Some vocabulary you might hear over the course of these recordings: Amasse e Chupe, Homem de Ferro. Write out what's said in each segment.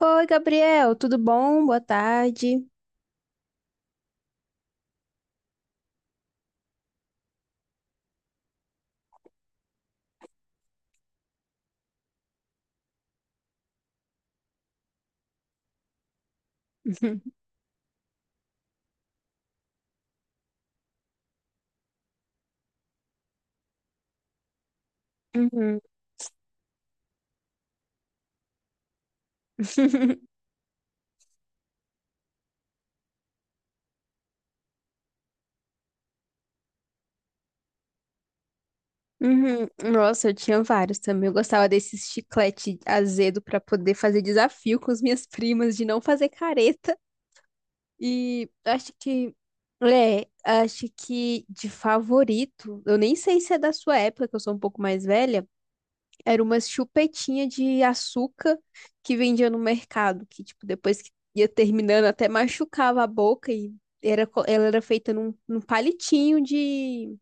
Oi, Gabriel, tudo bom? Boa tarde. Uhum, uhum. Nossa, eu tinha vários também. Eu gostava desse chiclete azedo pra poder fazer desafio com as minhas primas de não fazer careta. E acho que de favorito, eu nem sei se é da sua época, que eu sou um pouco mais velha. Era umas chupetinha de açúcar que vendia no mercado, que, tipo, depois que ia terminando, até machucava a boca e ela era feita num palitinho de.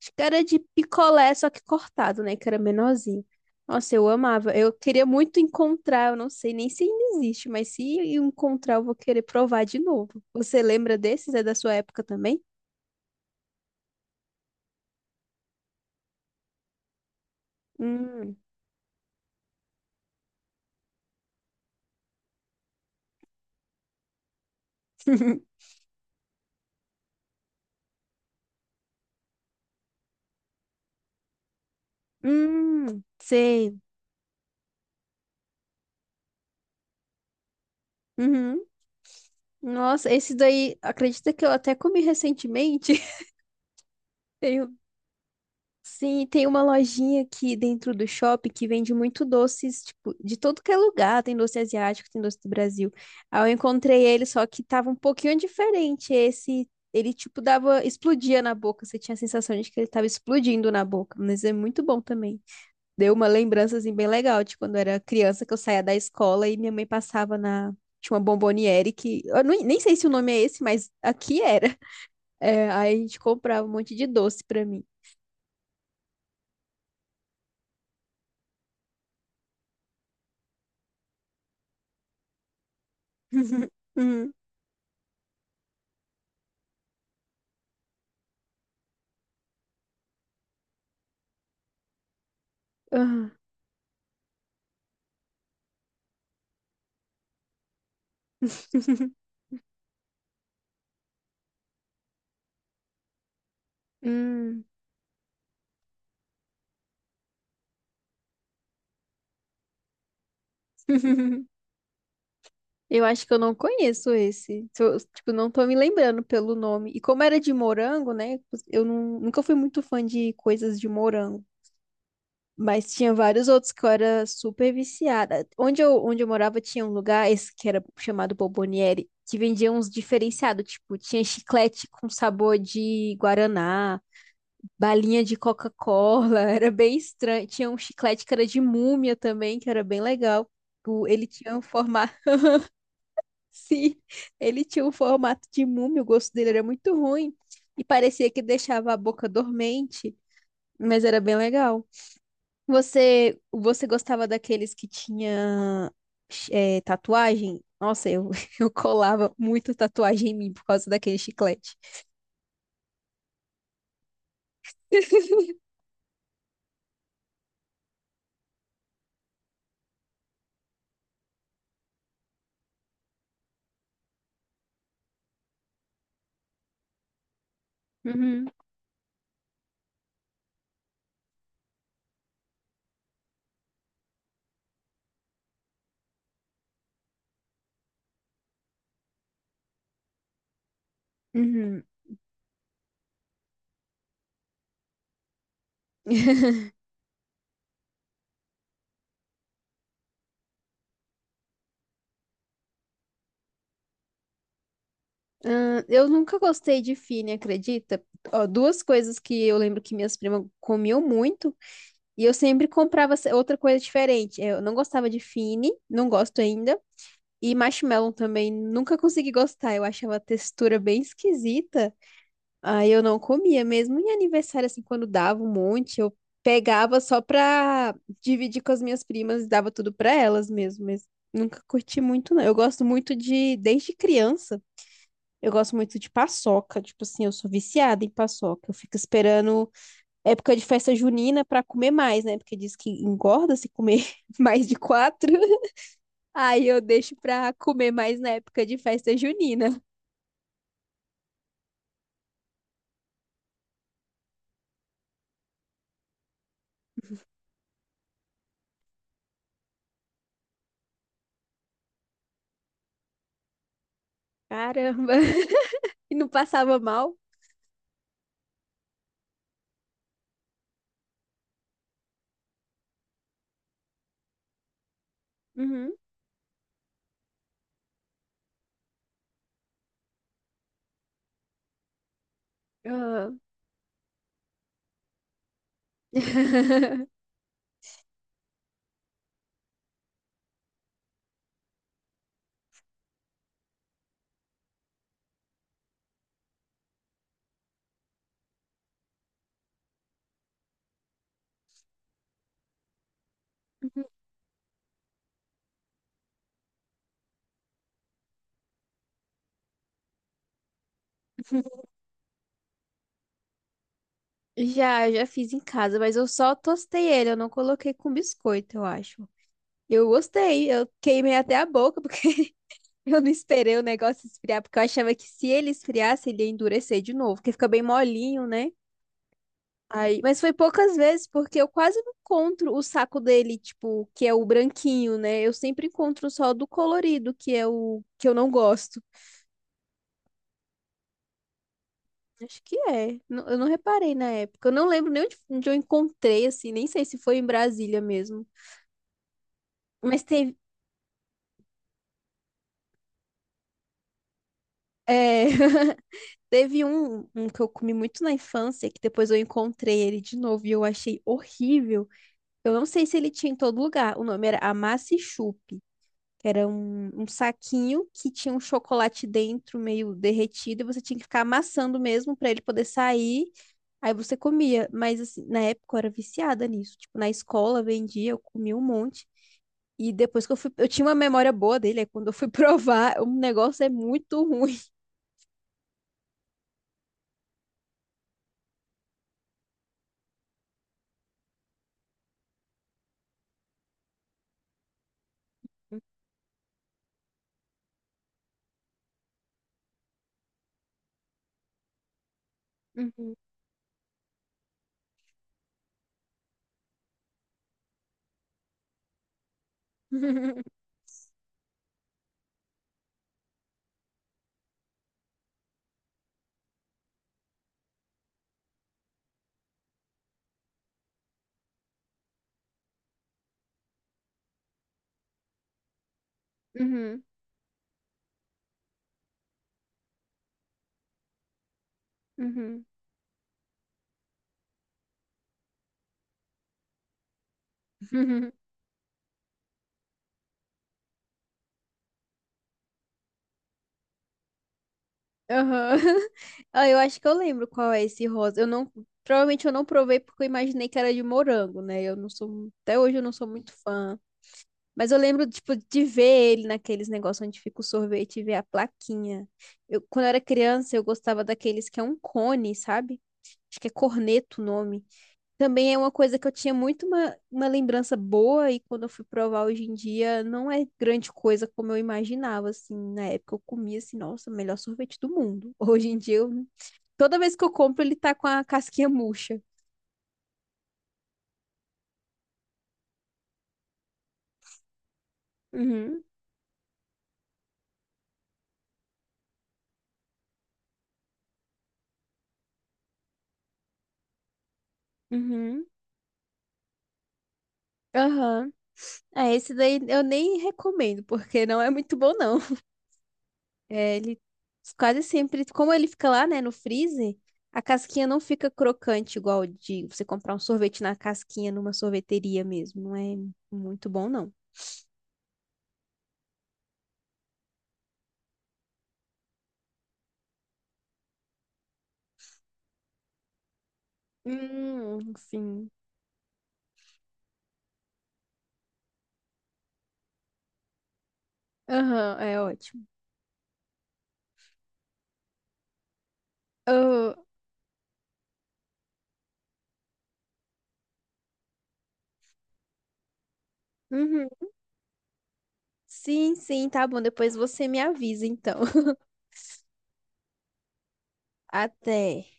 Acho que era de picolé, só que cortado, né? Que era menorzinho. Nossa, eu amava. Eu queria muito encontrar, eu não sei nem se ainda existe, mas se eu encontrar, eu vou querer provar de novo. Você lembra desses? É da sua época também? Hum. Sei. Uhum. Nossa, esse daí, acredita que eu até comi recentemente? Tem um- sim, tem uma lojinha aqui dentro do shopping que vende muito doces, tipo, de todo que é lugar. Tem doce asiático, tem doce do Brasil. Aí eu encontrei ele, só que tava um pouquinho diferente. Esse, ele, tipo, explodia na boca. Você tinha a sensação de que ele tava explodindo na boca. Mas é muito bom também. Deu uma lembrança, assim, bem legal de quando eu era criança, que eu saía da escola e minha mãe passava na. Tinha uma bomboniere que. Eu nem sei se o nome é esse, mas aqui era. É, aí a gente comprava um monte de doce pra mim. Hum, ah, hum. Eu acho que eu não conheço esse. Se eu- Tipo, não tô me lembrando pelo nome. E como era de morango, né? Eu não- Nunca fui muito fã de coisas de morango. Mas tinha vários outros que eu era super viciada. Onde eu morava tinha um lugar, esse que era chamado Bomboniere, que vendia uns diferenciados. Tipo, tinha chiclete com sabor de guaraná, balinha de Coca-Cola, era bem estranho. Tinha um chiclete que era de múmia também, que era bem legal. Ele tinha um formato, Sim, ele tinha um formato de múmia, o gosto dele era muito ruim e parecia que deixava a boca dormente, mas era bem legal. Você gostava daqueles que tinha tatuagem? Nossa, eu colava muito tatuagem em mim por causa daquele chiclete. Uhum, uhum. Ah, eu nunca gostei de fine, acredita? Ó, duas coisas que eu lembro que minhas primas comiam muito e eu sempre comprava outra coisa diferente. Eu não gostava de fine, não gosto ainda. E marshmallow também nunca consegui gostar. Eu achava a textura bem esquisita. Aí eu não comia mesmo em aniversário assim quando dava um monte, eu pegava só pra dividir com as minhas primas e dava tudo pra elas mesmo, mas nunca curti muito não. Eu gosto muito de Desde criança eu gosto muito de paçoca, tipo assim, eu sou viciada em paçoca. Eu fico esperando época de festa junina pra comer mais, né? Porque diz que engorda se comer mais de quatro. Aí eu deixo pra comer mais na época de festa junina. Caramba! E não passava mal? Uhum. Ah. Já, já fiz em casa, mas eu só tostei ele, eu não coloquei com biscoito, eu acho. Eu gostei, eu queimei até a boca, porque eu não esperei o negócio esfriar, porque eu achava que se ele esfriasse, ele ia endurecer de novo, porque fica bem molinho, né? Aí, mas foi poucas vezes, porque eu quase não encontro o saco dele, tipo, que é o branquinho, né? Eu sempre encontro só do colorido, que é o que eu não gosto. Acho que é. Eu não reparei na época. Eu não lembro nem onde eu encontrei, assim, nem sei se foi em Brasília mesmo. Mas é, teve um que eu comi muito na infância, que depois eu encontrei ele de novo e eu achei horrível. Eu não sei se ele tinha em todo lugar. O nome era Amasse e Chupe, que era um saquinho que tinha um chocolate dentro meio derretido e você tinha que ficar amassando mesmo para ele poder sair. Aí você comia. Mas assim, na época eu era viciada nisso. Tipo, na escola vendia, eu comia um monte. E depois que eu fui, eu tinha uma memória boa dele, aí quando eu fui provar, o negócio é muito ruim. Uhum. Uhum. Uhum. Uhum. Aham. Ah, eu acho que eu lembro qual é esse rosa. Eu não, Provavelmente eu não provei porque eu imaginei que era de morango, né? Eu não sou, Até hoje eu não sou muito fã. Mas eu lembro, tipo, de ver ele naqueles negócios onde fica o sorvete e ver a plaquinha. Quando eu era criança, eu gostava daqueles que é um cone, sabe? Acho que é corneto o nome. Também é uma coisa que eu tinha muito uma lembrança boa e quando eu fui provar hoje em dia, não é grande coisa como eu imaginava, assim. Na época eu comia assim, nossa, melhor sorvete do mundo. Hoje em dia, toda vez que eu compro, ele tá com a casquinha murcha. Uhum, uhum, aham. Ah, esse daí eu nem recomendo, porque não é muito bom, não. É, ele quase sempre, como ele fica lá, né, no freezer, a casquinha não fica crocante igual de você comprar um sorvete na casquinha numa sorveteria mesmo. Não é muito bom, não. Sim. Aham, é ótimo. Ah, uhum. Sim, sim, tá bom. Depois você me avisa, então. Até.